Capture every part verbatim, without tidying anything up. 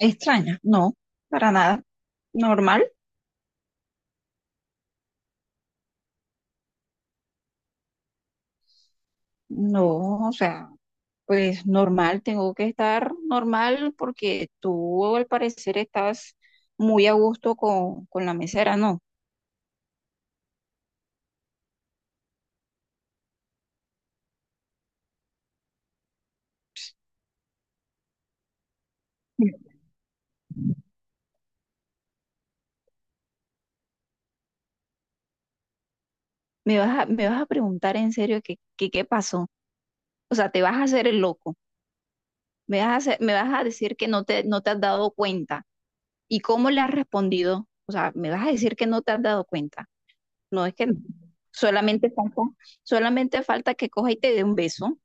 Extraña, no, para nada. Normal, no, o sea, pues normal, tengo que estar normal porque tú al parecer estás muy a gusto con, con la mesera, ¿no? Me vas a, me vas a preguntar en serio que, que qué pasó. O sea, te vas a hacer el loco. Me vas a hacer- me vas a decir que no te, no te has dado cuenta. ¿Y cómo le has respondido? O sea, me vas a decir que no te has dado cuenta. No es que solamente falta, solamente falta que coja y te dé un beso.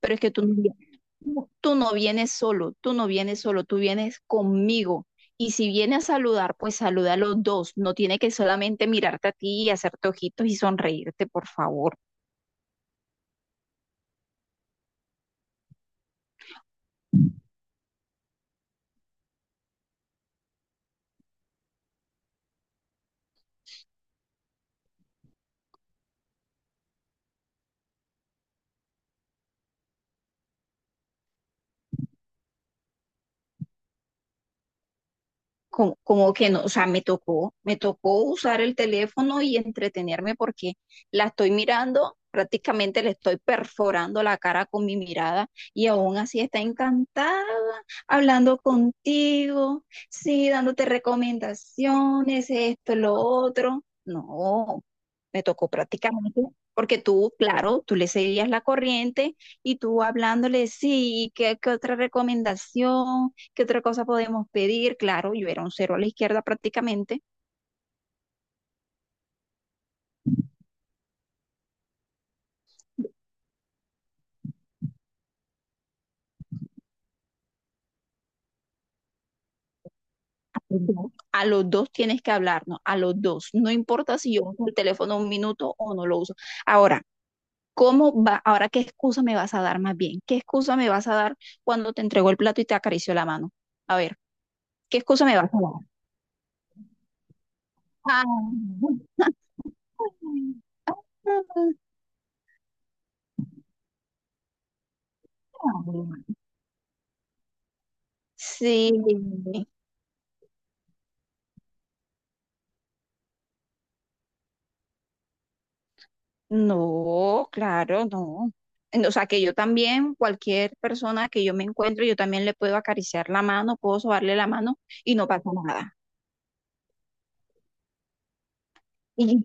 Pero es que tú no, vi- tú no vienes solo, tú no vienes solo, tú vienes conmigo. Y si viene a saludar, pues saluda a los dos. No tiene que solamente mirarte a ti y hacerte ojitos y sonreírte, por favor. como, como que no, o sea, me tocó, me tocó usar el teléfono y entretenerme porque la estoy mirando, prácticamente le estoy perforando la cara con mi mirada y aún así está encantada hablando contigo, sí, dándote recomendaciones, esto, lo otro. No, me tocó prácticamente, porque tú, claro, tú le seguías la corriente y tú hablándole, sí, ¿qué, ¿qué otra recomendación? ¿Qué otra cosa podemos pedir? Claro, yo era un cero a la izquierda prácticamente. Ujú. A los dos tienes que hablarnos, a los dos. No importa si yo uso el teléfono un minuto o no lo uso. Ahora, ¿cómo va? Ahora, ¿qué excusa me vas a dar más bien? ¿Qué excusa me vas a dar cuando te entregó el plato y te acarició la mano? A ver, ¿qué excusa me vas a dar? Ah. Sí, no, claro, no. No, o sea, que yo también, cualquier persona que yo me encuentre, yo también le puedo acariciar la mano, puedo sobarle la mano y no pasa nada. Y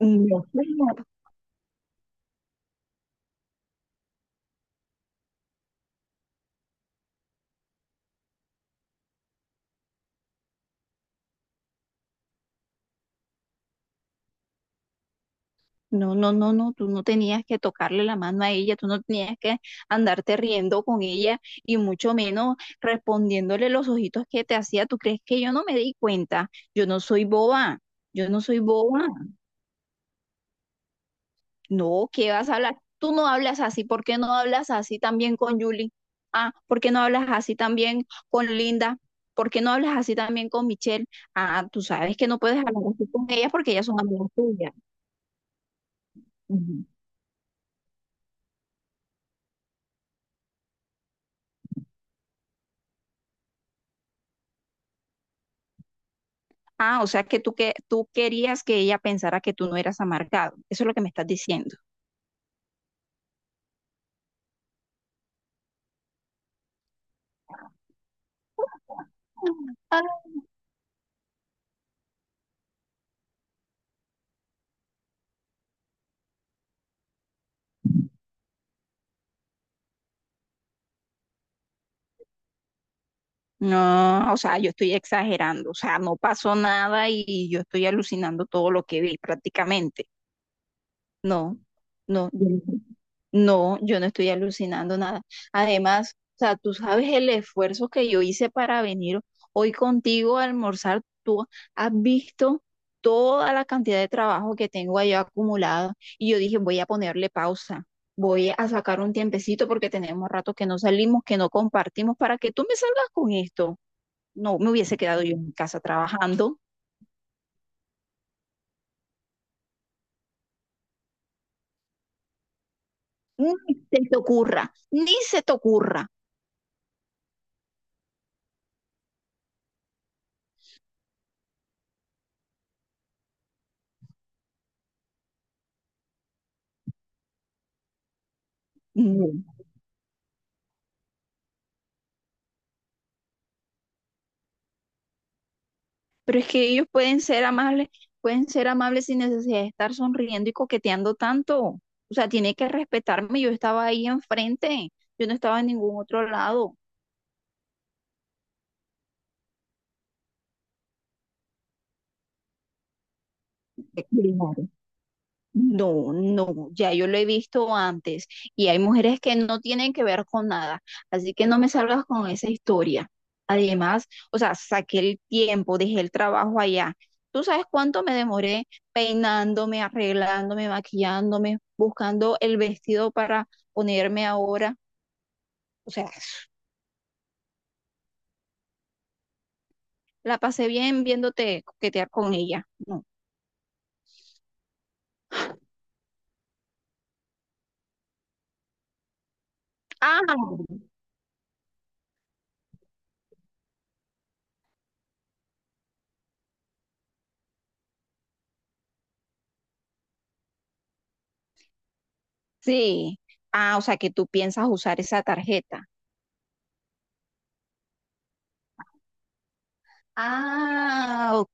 no, señor, no, no, no, no, tú no tenías que tocarle la mano a ella, tú no tenías que andarte riendo con ella y mucho menos respondiéndole los ojitos que te hacía. ¿Tú crees que yo no me di cuenta? Yo no soy boba, yo no soy boba. No, ¿qué vas a hablar? Tú no hablas así. ¿Por qué no hablas así también con Julie? Ah, ¿por qué no hablas así también con Linda? ¿Por qué no hablas así también con Michelle? Ah, tú sabes que no puedes hablar así con ellas porque ellas son amigas tuyas. Ujú. Ah, o sea que tú, que tú querías que ella pensara que tú no eras amargado. Eso es lo que me estás diciendo. Ah, no, o sea, yo estoy exagerando. O sea, no pasó nada y yo estoy alucinando todo lo que vi prácticamente. No, no, yo no no, yo no estoy alucinando nada. Además, o sea, tú sabes el esfuerzo que yo hice para venir hoy contigo a almorzar. Tú has visto toda la cantidad de trabajo que tengo allá acumulado y yo dije, voy a ponerle pausa. Voy a sacar un tiempecito porque tenemos rato que no salimos, que no compartimos, para que tú me salgas con esto. No, me hubiese quedado yo en casa trabajando. Ni se te ocurra, ni se te ocurra. No. Pero es que ellos pueden ser amables, pueden ser amables sin necesidad de estar sonriendo y coqueteando tanto. O sea, tiene que respetarme. Yo estaba ahí enfrente, yo no estaba en ningún otro lado. No, no, ya yo lo he visto antes y hay mujeres que no tienen que ver con nada, así que no me salgas con esa historia. Además, o sea, saqué el tiempo, dejé el trabajo allá. ¿Tú sabes cuánto me demoré peinándome, arreglándome, maquillándome, buscando el vestido para ponerme ahora? O sea, la pasé bien viéndote coquetear con ella. No. Ah, sí. Ah, o sea, que tú piensas usar esa tarjeta. Ah, ok,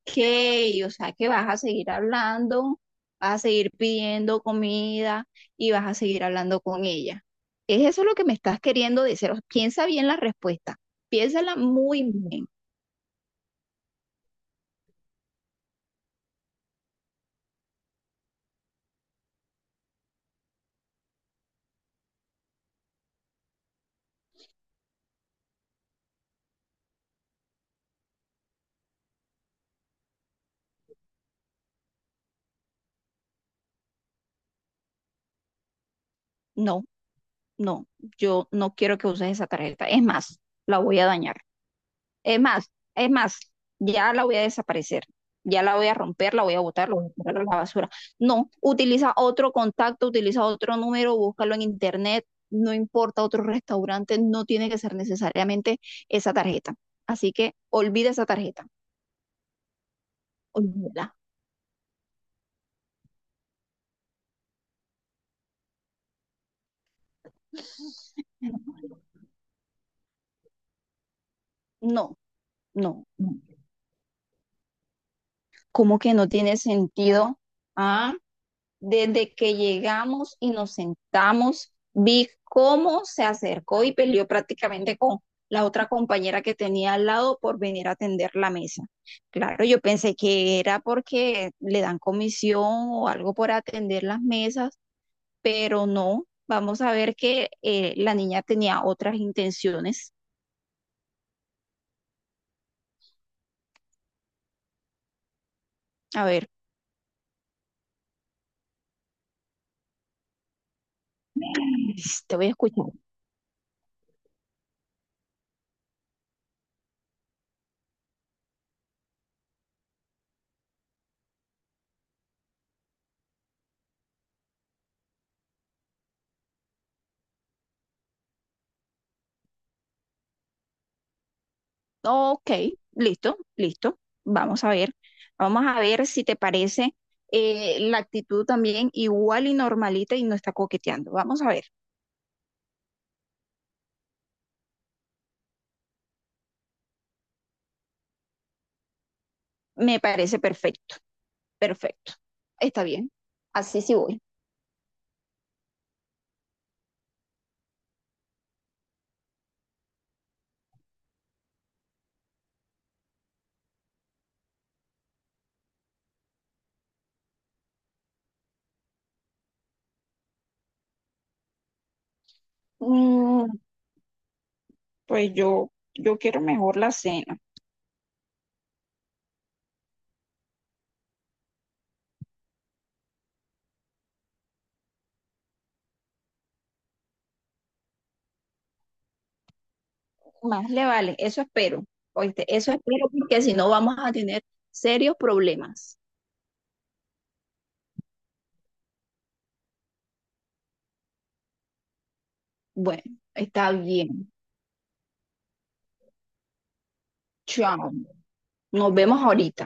o sea que vas a seguir hablando, vas a seguir pidiendo comida y vas a seguir hablando con ella. ¿Es eso lo que me estás queriendo decir? O sea, piensa bien la respuesta, piénsala muy bien. No, no, yo no quiero que uses esa tarjeta, es más, la voy a dañar. Es más, es más, ya la voy a desaparecer, ya la voy a romper, la voy a botar, la voy a tirar a la basura. No, utiliza otro contacto, utiliza otro número, búscalo en internet, no importa otro restaurante, no tiene que ser necesariamente esa tarjeta. Así que olvida esa tarjeta, olvídala. No, no, no. ¿Cómo que no tiene sentido? Desde que llegamos y nos sentamos, vi cómo se acercó y peleó prácticamente con la otra compañera que tenía al lado por venir a atender la mesa. Claro, yo pensé que era porque le dan comisión o algo por atender las mesas, pero no. Vamos a ver que eh, la niña tenía otras intenciones. A ver, te voy a escuchar. Ok, listo, listo. Vamos a ver. Vamos a ver si te parece eh, la actitud también igual y normalita y no está coqueteando. Vamos a ver. Me parece perfecto, perfecto. Está bien. Así sí voy. Mm, pues yo, yo quiero mejor la cena. Más le vale, eso espero. Oíste, eso espero porque si no vamos a tener serios problemas. Bueno, está bien. Chao. Nos vemos ahorita.